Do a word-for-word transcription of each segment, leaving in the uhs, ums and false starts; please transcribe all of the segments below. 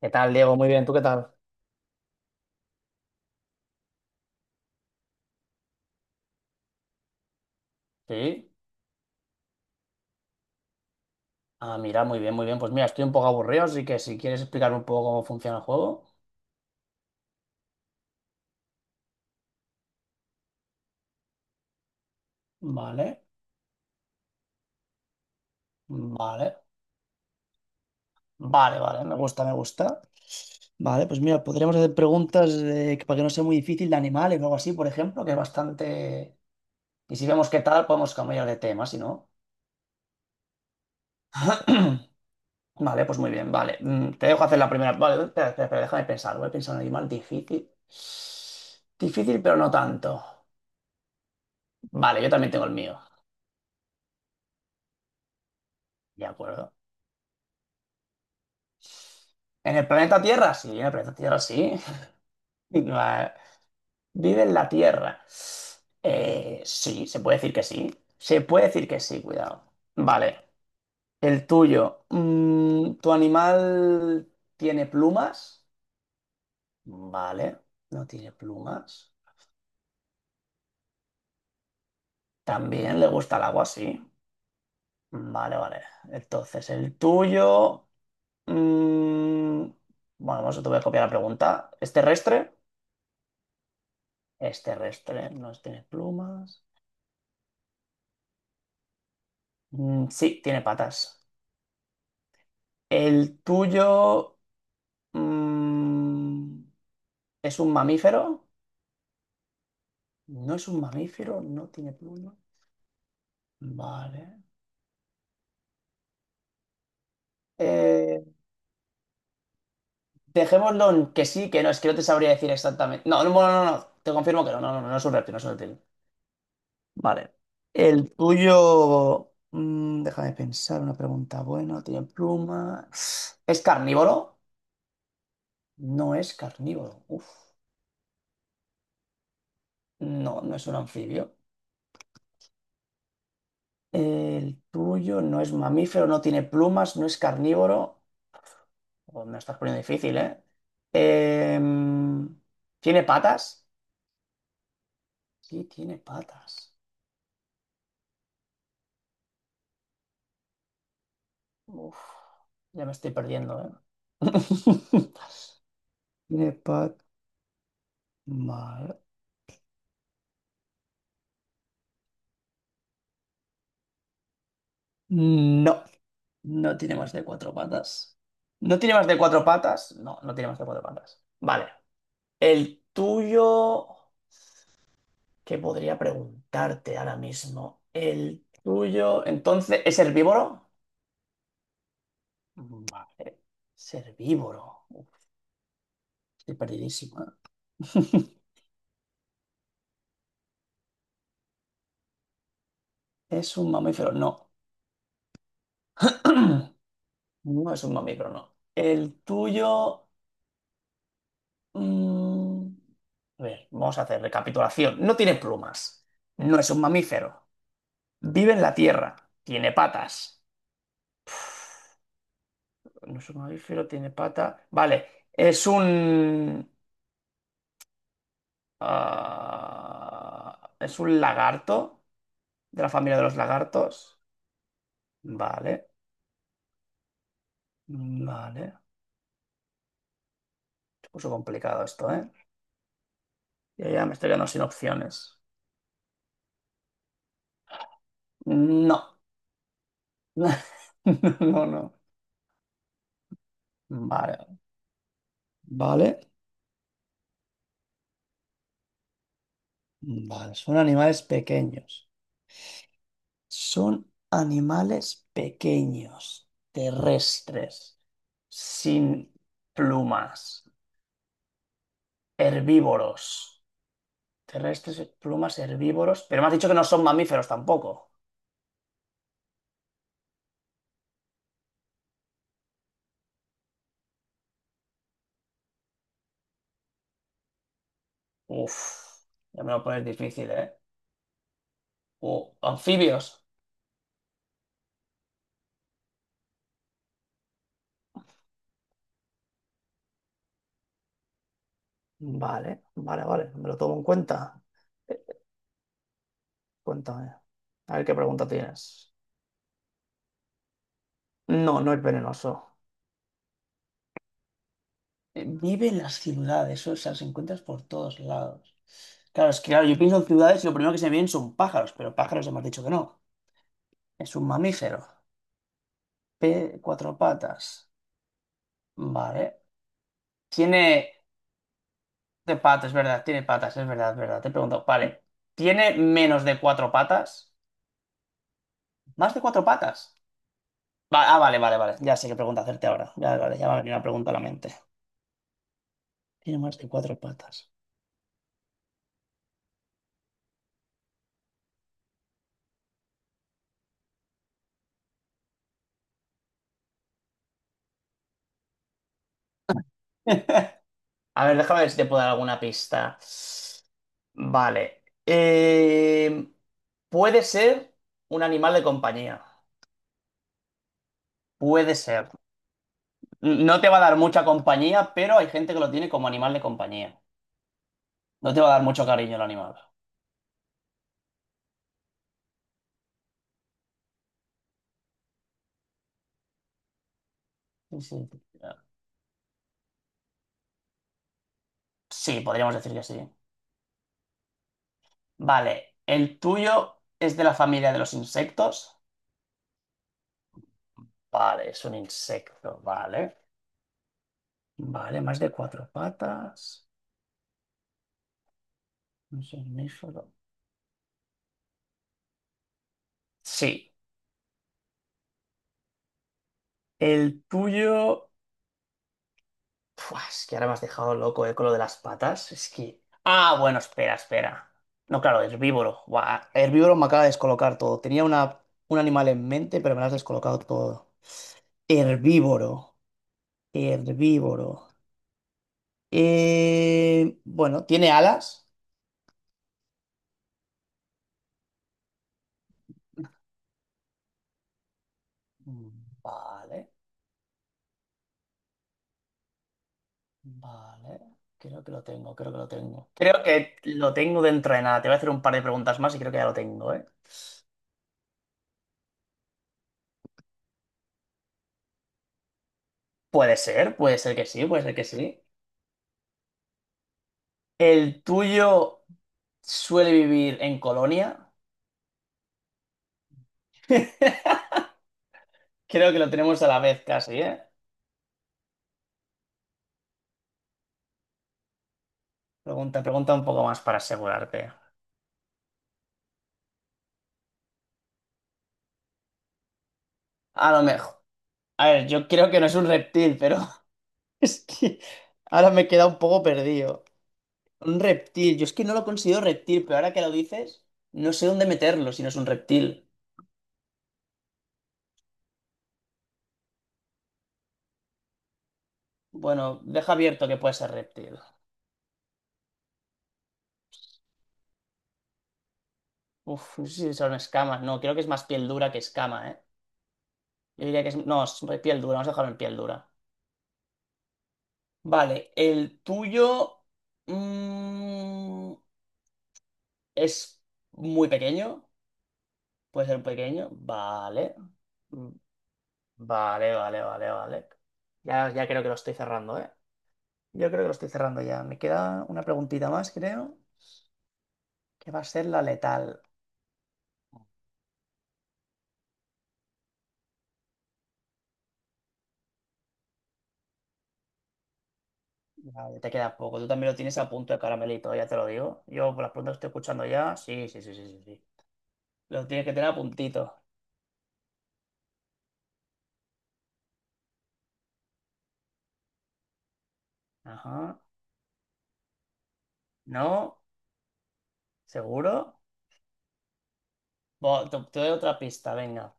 ¿Qué tal, Diego? Muy bien, ¿tú qué tal? Sí. Ah, mira, muy bien, muy bien. Pues mira, estoy un poco aburrido, así que si quieres explicarme un poco cómo funciona el juego. Vale, vale, vale, vale, me gusta, me gusta. Vale, pues mira, podríamos hacer preguntas eh, que- para que no sea muy difícil, de animales o algo así, por ejemplo, que es bastante. Y si vemos qué tal, podemos cambiar de tema, si no. Vale, pues muy bien, vale. Mm, Te dejo hacer la primera. Vale, espera, espera, espera, déjame pensar. Voy a pensar en un animal difícil. Difícil, pero no tanto. Vale, yo también tengo el mío. De acuerdo. ¿En el planeta Tierra? Sí, en el planeta Tierra sí. Vale. ¿Vive en la Tierra? Eh, sí, se puede decir que sí. Se puede decir que sí, cuidado. Vale. El tuyo. Mm, ¿tu animal tiene plumas? Vale. No tiene plumas. También le gusta el agua, sí. Vale, vale. Entonces, el tuyo. mm, bueno, vamos, te voy a copiar la pregunta. ¿Es terrestre? Es terrestre, no tiene plumas. Mm, sí, tiene patas. ¿El tuyo mm, es un mamífero? No es un mamífero, no tiene pluma. Vale. Eh, dejémoslo en que sí, que no, es que no te sabría decir exactamente. No, no, no, no, no, te confirmo que no, no, no, no es un reptil, no es un reptil. Vale. El tuyo, mm, déjame pensar, una pregunta buena, tiene pluma. ¿Es carnívoro? No es carnívoro. Uf, no, no es un anfibio. El tuyo no es mamífero, no tiene plumas, no es carnívoro. Oh, me lo estás poniendo difícil, ¿eh? Em, ¿tiene patas? Sí, tiene patas. Uf, ya me estoy perdiendo, ¿eh? ¿Tiene patas? No, no tiene más de cuatro patas. ¿No tiene más de cuatro patas? No, no tiene más de cuatro patas. Vale. El tuyo. ¿Qué podría preguntarte ahora mismo? El tuyo, entonces, ¿es herbívoro? Vale, es herbívoro. Uf, estoy perdidísimo, ¿eh? ¿Es un mamífero? No. No es un mamífero, no. El tuyo. mm, A ver, vamos a hacer recapitulación. No tiene plumas. No es un mamífero. Vive en la tierra. Tiene patas. No es un mamífero, tiene pata. Vale, es un... Ah, ¿es un lagarto? ¿De la familia de los lagartos? Vale, vale. Se puso complicado esto, ¿eh? Ya, ya me estoy quedando sin opciones. No. No, no, no. Vale, vale. Vale, son animales pequeños. Son animales pequeños, terrestres, sin plumas, herbívoros. Terrestres, plumas, herbívoros. Pero me has dicho que no son mamíferos tampoco. Uf, ya me lo pones difícil, ¿eh? Uh, anfibios. Vale, vale, vale, me lo tomo en cuenta. Eh, Cuéntame, a ver qué pregunta tienes. No, no es venenoso. Eh, Vive en las ciudades, o sea, los encuentras por todos lados. Claro, es que claro, yo pienso en ciudades y lo primero que se me vienen son pájaros, pero pájaros hemos dicho que no. Es un mamífero. Pe- cuatro patas. Vale. Tiene de patas, es verdad, tiene patas, es verdad, es verdad. Te pregunto, vale. ¿Tiene menos de cuatro patas? ¿Más de cuatro patas? Va- ah, vale, vale, vale. Ya sé qué pregunta hacerte ahora. Ya, vale, ya me ha venido una pregunta a la mente. Tiene más de cuatro patas. A ver, déjame ver si te puedo dar alguna pista. Vale. Eh, puede ser un animal de compañía. Puede ser. No te va a dar mucha compañía, pero hay gente que lo tiene como animal de compañía. No te va a dar mucho cariño el animal. Sí, sí. Sí, podríamos decir que sí. Vale. ¿El tuyo es de la familia de los insectos? Vale, es un insecto, vale. Vale, más de cuatro patas. Un somnífero. Sí, el tuyo. Pua, es que ahora me has dejado loco, eh, con lo de las patas. Es que. Ah, bueno, espera, espera. No, claro, herbívoro. Buah, herbívoro me acaba de descolocar todo. Tenía una, un animal en mente, pero me lo has descolocado todo. Herbívoro. Herbívoro. Eh, Bueno, ¿tiene alas? Mm, vale. Vale, creo que lo tengo, creo que lo tengo. Creo que lo tengo dentro de nada. Te voy a hacer un par de preguntas más y creo que ya lo tengo, ¿eh? Puede ser, puede ser que sí, puede ser que sí. ¿El tuyo suele vivir en Colonia? Creo que lo tenemos a la vez casi, ¿eh? Pregunta, pregunta un poco más para asegurarte. A lo mejor. A ver, yo creo que no es un reptil, pero es que ahora me he quedado un poco perdido. Un reptil. Yo es que no lo considero reptil, pero ahora que lo dices, no sé dónde meterlo si no es un reptil. Bueno, deja abierto que puede ser reptil. Uf, no sé si son escamas. No, creo que es más piel dura que escama, ¿eh? Yo diría que es. No, es piel dura. Vamos a dejarlo en piel dura. Vale, el tuyo, mm, es muy pequeño. Puede ser pequeño. Vale. Mm, vale, vale, vale, vale. Ya, ya creo que lo estoy cerrando, ¿eh? Yo creo que lo estoy cerrando ya. Me queda una preguntita más, creo, que va a ser la letal. Ya, te queda poco. Tú también lo tienes a punto de caramelito, ya te lo digo. Yo por las preguntas que estoy escuchando ya. Sí, sí, sí, sí, sí, sí. Lo tienes que tener a puntito. Ajá. ¿No? ¿Seguro? Bo- te, te doy otra pista, venga.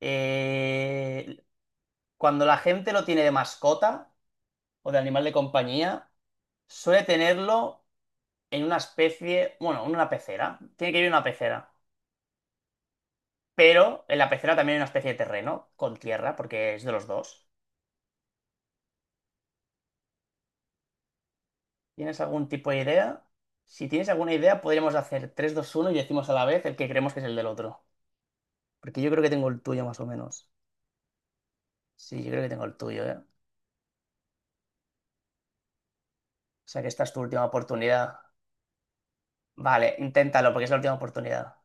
Eh, cuando la gente lo tiene de mascota o de animal de compañía, suele tenerlo en una especie, bueno, en una pecera. Tiene que ir en una pecera. Pero en la pecera también hay una especie de terreno con tierra, porque es de los dos. ¿Tienes algún tipo de idea? Si tienes alguna idea, podríamos hacer tres, dos, uno y decimos a la vez el que creemos que es el del otro. Porque yo creo que tengo el tuyo más o menos. Sí, yo creo que tengo el tuyo, ¿eh? O sea que esta es tu última oportunidad. Vale, inténtalo porque es la última oportunidad.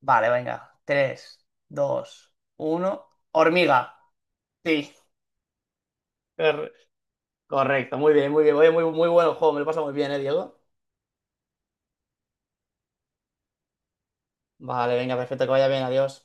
Vale, venga. Tres, dos, uno. Hormiga. Sí. Cor- Correcto, muy bien, muy bien. Oye, muy, muy bueno el juego, me lo pasa muy bien, ¿eh, Diego? Vale, venga, perfecto, que vaya bien, adiós.